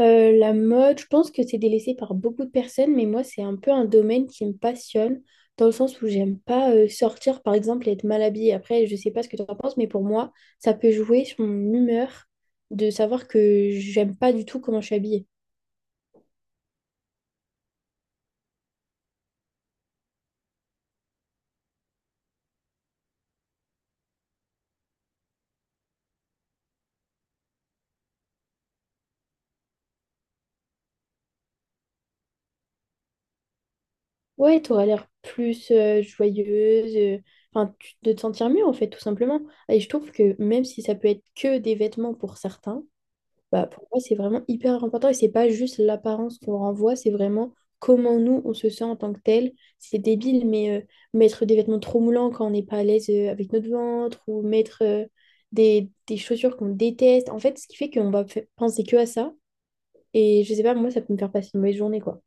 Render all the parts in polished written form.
La mode, je pense que c'est délaissé par beaucoup de personnes, mais moi, c'est un peu un domaine qui me passionne, dans le sens où j'aime pas sortir, par exemple, et être mal habillée. Après, je sais pas ce que tu en penses, mais pour moi, ça peut jouer sur mon humeur de savoir que j'aime pas du tout comment je suis habillée. Ouais, t'auras l'air plus joyeuse, enfin, de te sentir mieux en fait, tout simplement. Et je trouve que même si ça peut être que des vêtements pour certains, bah, pour moi, c'est vraiment hyper important et c'est pas juste l'apparence qu'on renvoie, c'est vraiment comment nous on se sent en tant que tel. C'est débile, mais mettre des vêtements trop moulants quand on n'est pas à l'aise avec notre ventre ou mettre des chaussures qu'on déteste, en fait, ce qui fait qu'on va penser que à ça. Et je sais pas, moi, ça peut me faire passer une mauvaise journée, quoi.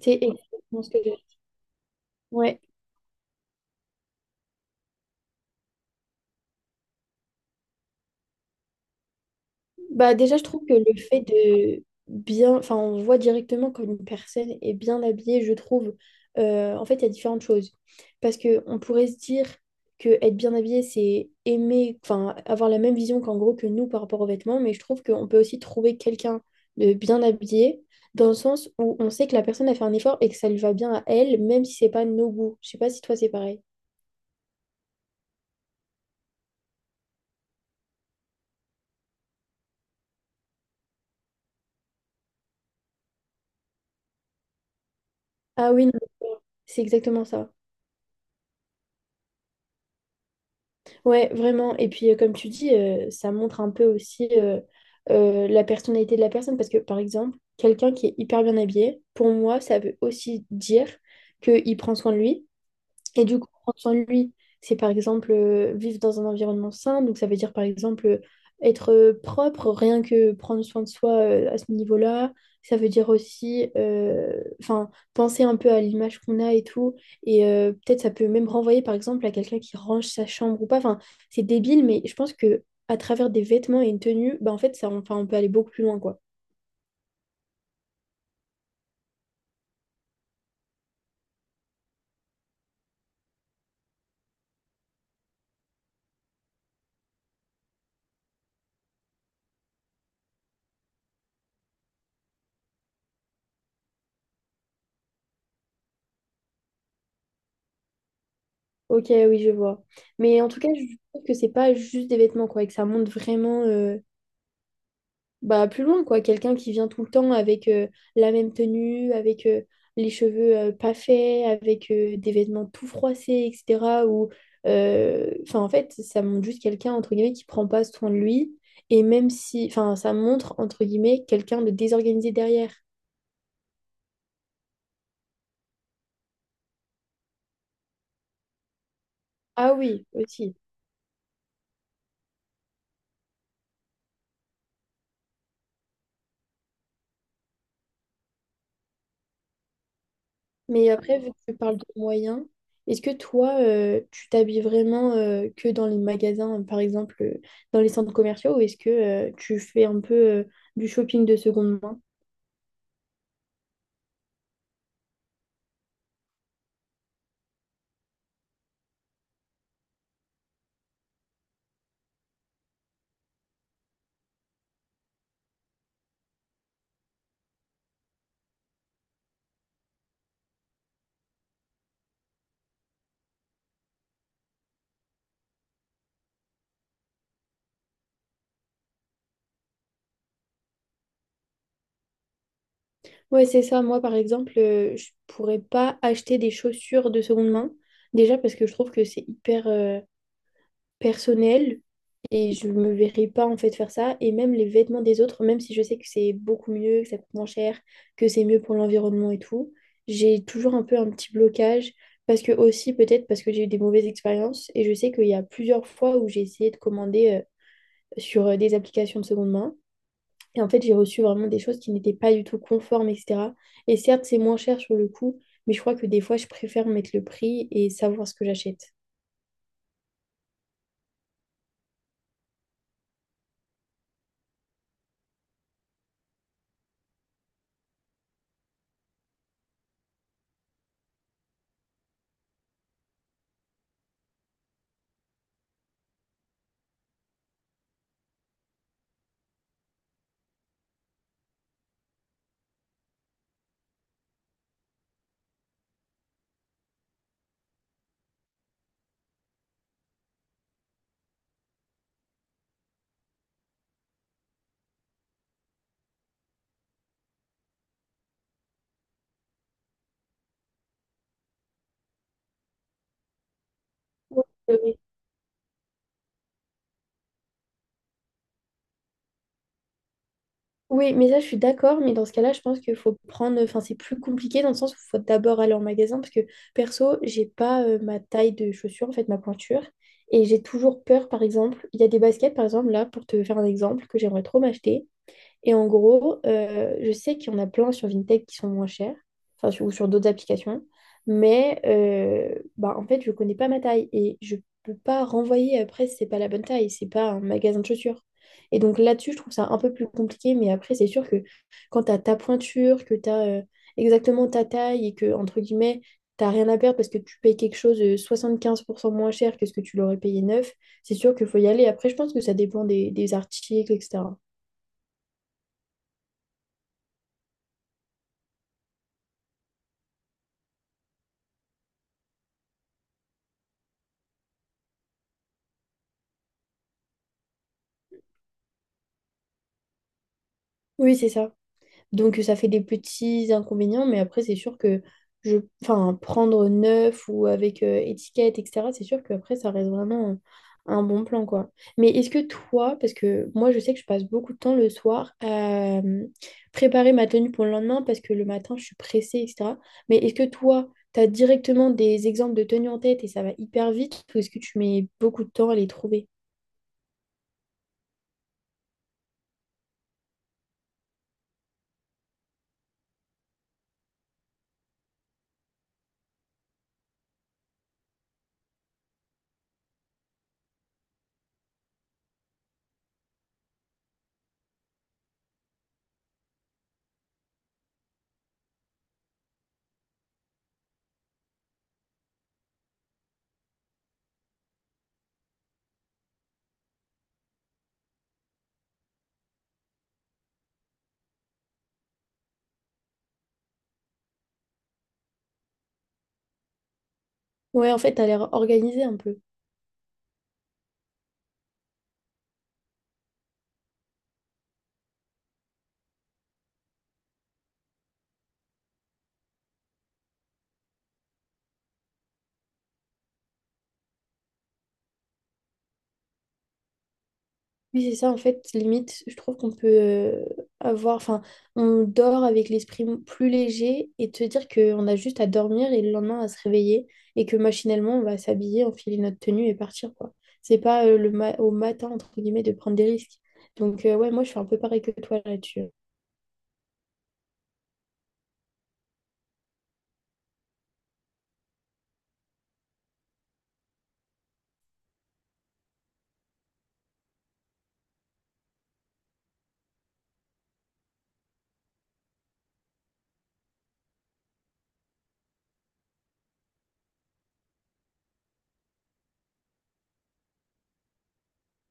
C'est exactement ce que j'ai. Ouais. Bah déjà, je trouve que le fait de bien, enfin, on voit directement quand une personne est bien habillée, je trouve, en fait, il y a différentes choses. Parce que on pourrait se dire que être bien habillé, c'est aimer, enfin, avoir la même vision qu'en gros que nous par rapport aux vêtements, mais je trouve qu'on peut aussi trouver quelqu'un de bien habillé dans le sens où on sait que la personne a fait un effort et que ça lui va bien à elle, même si c'est pas nos goûts. Je sais pas si toi c'est pareil. Ah oui, non, c'est exactement ça. Ouais, vraiment. Et puis, comme tu dis, ça montre un peu aussi la personnalité de la personne. Parce que, par exemple, quelqu'un qui est hyper bien habillé, pour moi, ça veut aussi dire qu'il prend soin de lui. Et du coup, prendre soin de lui, c'est par exemple vivre dans un environnement sain. Donc, ça veut dire par exemple être propre, rien que prendre soin de soi à ce niveau-là. Ça veut dire aussi enfin, penser un peu à l'image qu'on a et tout. Et peut-être ça peut même renvoyer par exemple à quelqu'un qui range sa chambre ou pas. Enfin, c'est débile, mais je pense que à travers des vêtements et une tenue, bah, en fait, ça, enfin, on peut aller beaucoup plus loin, quoi. Ok, oui, je vois. Mais en tout cas, je trouve que c'est pas juste des vêtements, quoi, et que ça montre vraiment. Bah, plus loin, quoi. Quelqu'un qui vient tout le temps avec la même tenue, avec les cheveux pas faits, avec des vêtements tout froissés, etc. Ou, enfin, en fait, ça montre juste quelqu'un, entre guillemets, qui prend pas soin de lui. Et même si, enfin, ça montre, entre guillemets, quelqu'un de désorganisé derrière. Ah oui, aussi. Mais après, vu que tu parles de moyens, est-ce que toi, tu t'habilles vraiment que dans les magasins, par exemple, dans les centres commerciaux, ou est-ce que tu fais un peu du shopping de seconde main? Ouais, c'est ça. Moi, par exemple, je pourrais pas acheter des chaussures de seconde main. Déjà parce que je trouve que c'est hyper, personnel et je me verrais pas en fait faire ça. Et même les vêtements des autres, même si je sais que c'est beaucoup mieux, que ça coûte moins cher, que c'est mieux pour l'environnement et tout, j'ai toujours un peu un petit blocage parce que aussi peut-être parce que j'ai eu des mauvaises expériences et je sais qu'il y a plusieurs fois où j'ai essayé de commander sur des applications de seconde main. Et en fait, j'ai reçu vraiment des choses qui n'étaient pas du tout conformes, etc. Et certes, c'est moins cher sur le coup, mais je crois que des fois, je préfère mettre le prix et savoir ce que j'achète. Ouais, oui, mais ça, je suis d'accord. Mais dans ce cas-là, je pense qu'il faut prendre. Enfin, c'est plus compliqué dans le sens où il faut d'abord aller en magasin. Parce que perso, j'ai pas ma taille de chaussure, en fait, ma pointure. Et j'ai toujours peur, par exemple. Il y a des baskets, par exemple, là, pour te faire un exemple, que j'aimerais trop m'acheter. Et en gros, je sais qu'il y en a plein sur Vinted qui sont moins chers, enfin, ou sur d'autres applications, mais bah, en fait, je connais pas ma taille et je peux pas renvoyer après si c'est pas la bonne taille, c'est pas un magasin de chaussures. Et donc là-dessus, je trouve ça un peu plus compliqué, mais après, c'est sûr que quand tu as ta pointure, que tu as exactement ta taille et que, entre guillemets, t'as rien à perdre parce que tu payes quelque chose 75% moins cher que ce que tu l'aurais payé neuf, c'est sûr qu'il faut y aller. Après, je pense que ça dépend des articles, etc. Oui, c'est ça. Donc ça fait des petits inconvénients, mais après c'est sûr que enfin, prendre neuf ou avec étiquette, etc., c'est sûr qu'après ça reste vraiment un bon plan, quoi. Mais est-ce que toi, parce que moi je sais que je passe beaucoup de temps le soir à préparer ma tenue pour le lendemain parce que le matin je suis pressée, etc. Mais est-ce que toi, tu as directement des exemples de tenues en tête et ça va hyper vite ou est-ce que tu mets beaucoup de temps à les trouver? Ouais, en fait, t'as l'air organisée un peu. Oui, c'est ça, en fait, limite, je trouve qu'on peut avoir, enfin, on dort avec l'esprit plus léger et te dire qu'on a juste à dormir et le lendemain à se réveiller et que machinalement, on va s'habiller, enfiler notre tenue et partir, quoi. C'est pas le au matin, entre guillemets, de prendre des risques. Donc, ouais, moi, je suis un peu pareil que toi là-dessus.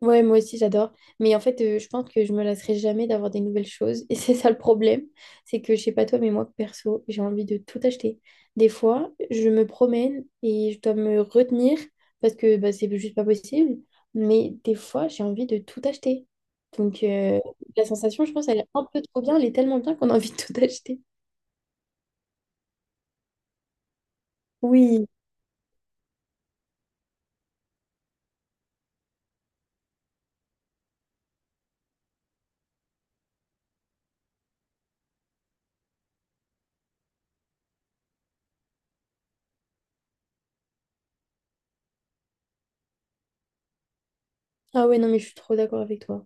Ouais, moi aussi j'adore. Mais en fait, je pense que je me lasserai jamais d'avoir des nouvelles choses. Et c'est ça le problème. C'est que je sais pas toi, mais moi perso, j'ai envie de tout acheter. Des fois, je me promène et je dois me retenir parce que bah, c'est juste pas possible. Mais des fois, j'ai envie de tout acheter. Donc la sensation, je pense, elle est un peu trop bien. Elle est tellement bien qu'on a envie de tout acheter. Oui. Ah ouais, non, mais je suis trop d'accord avec toi.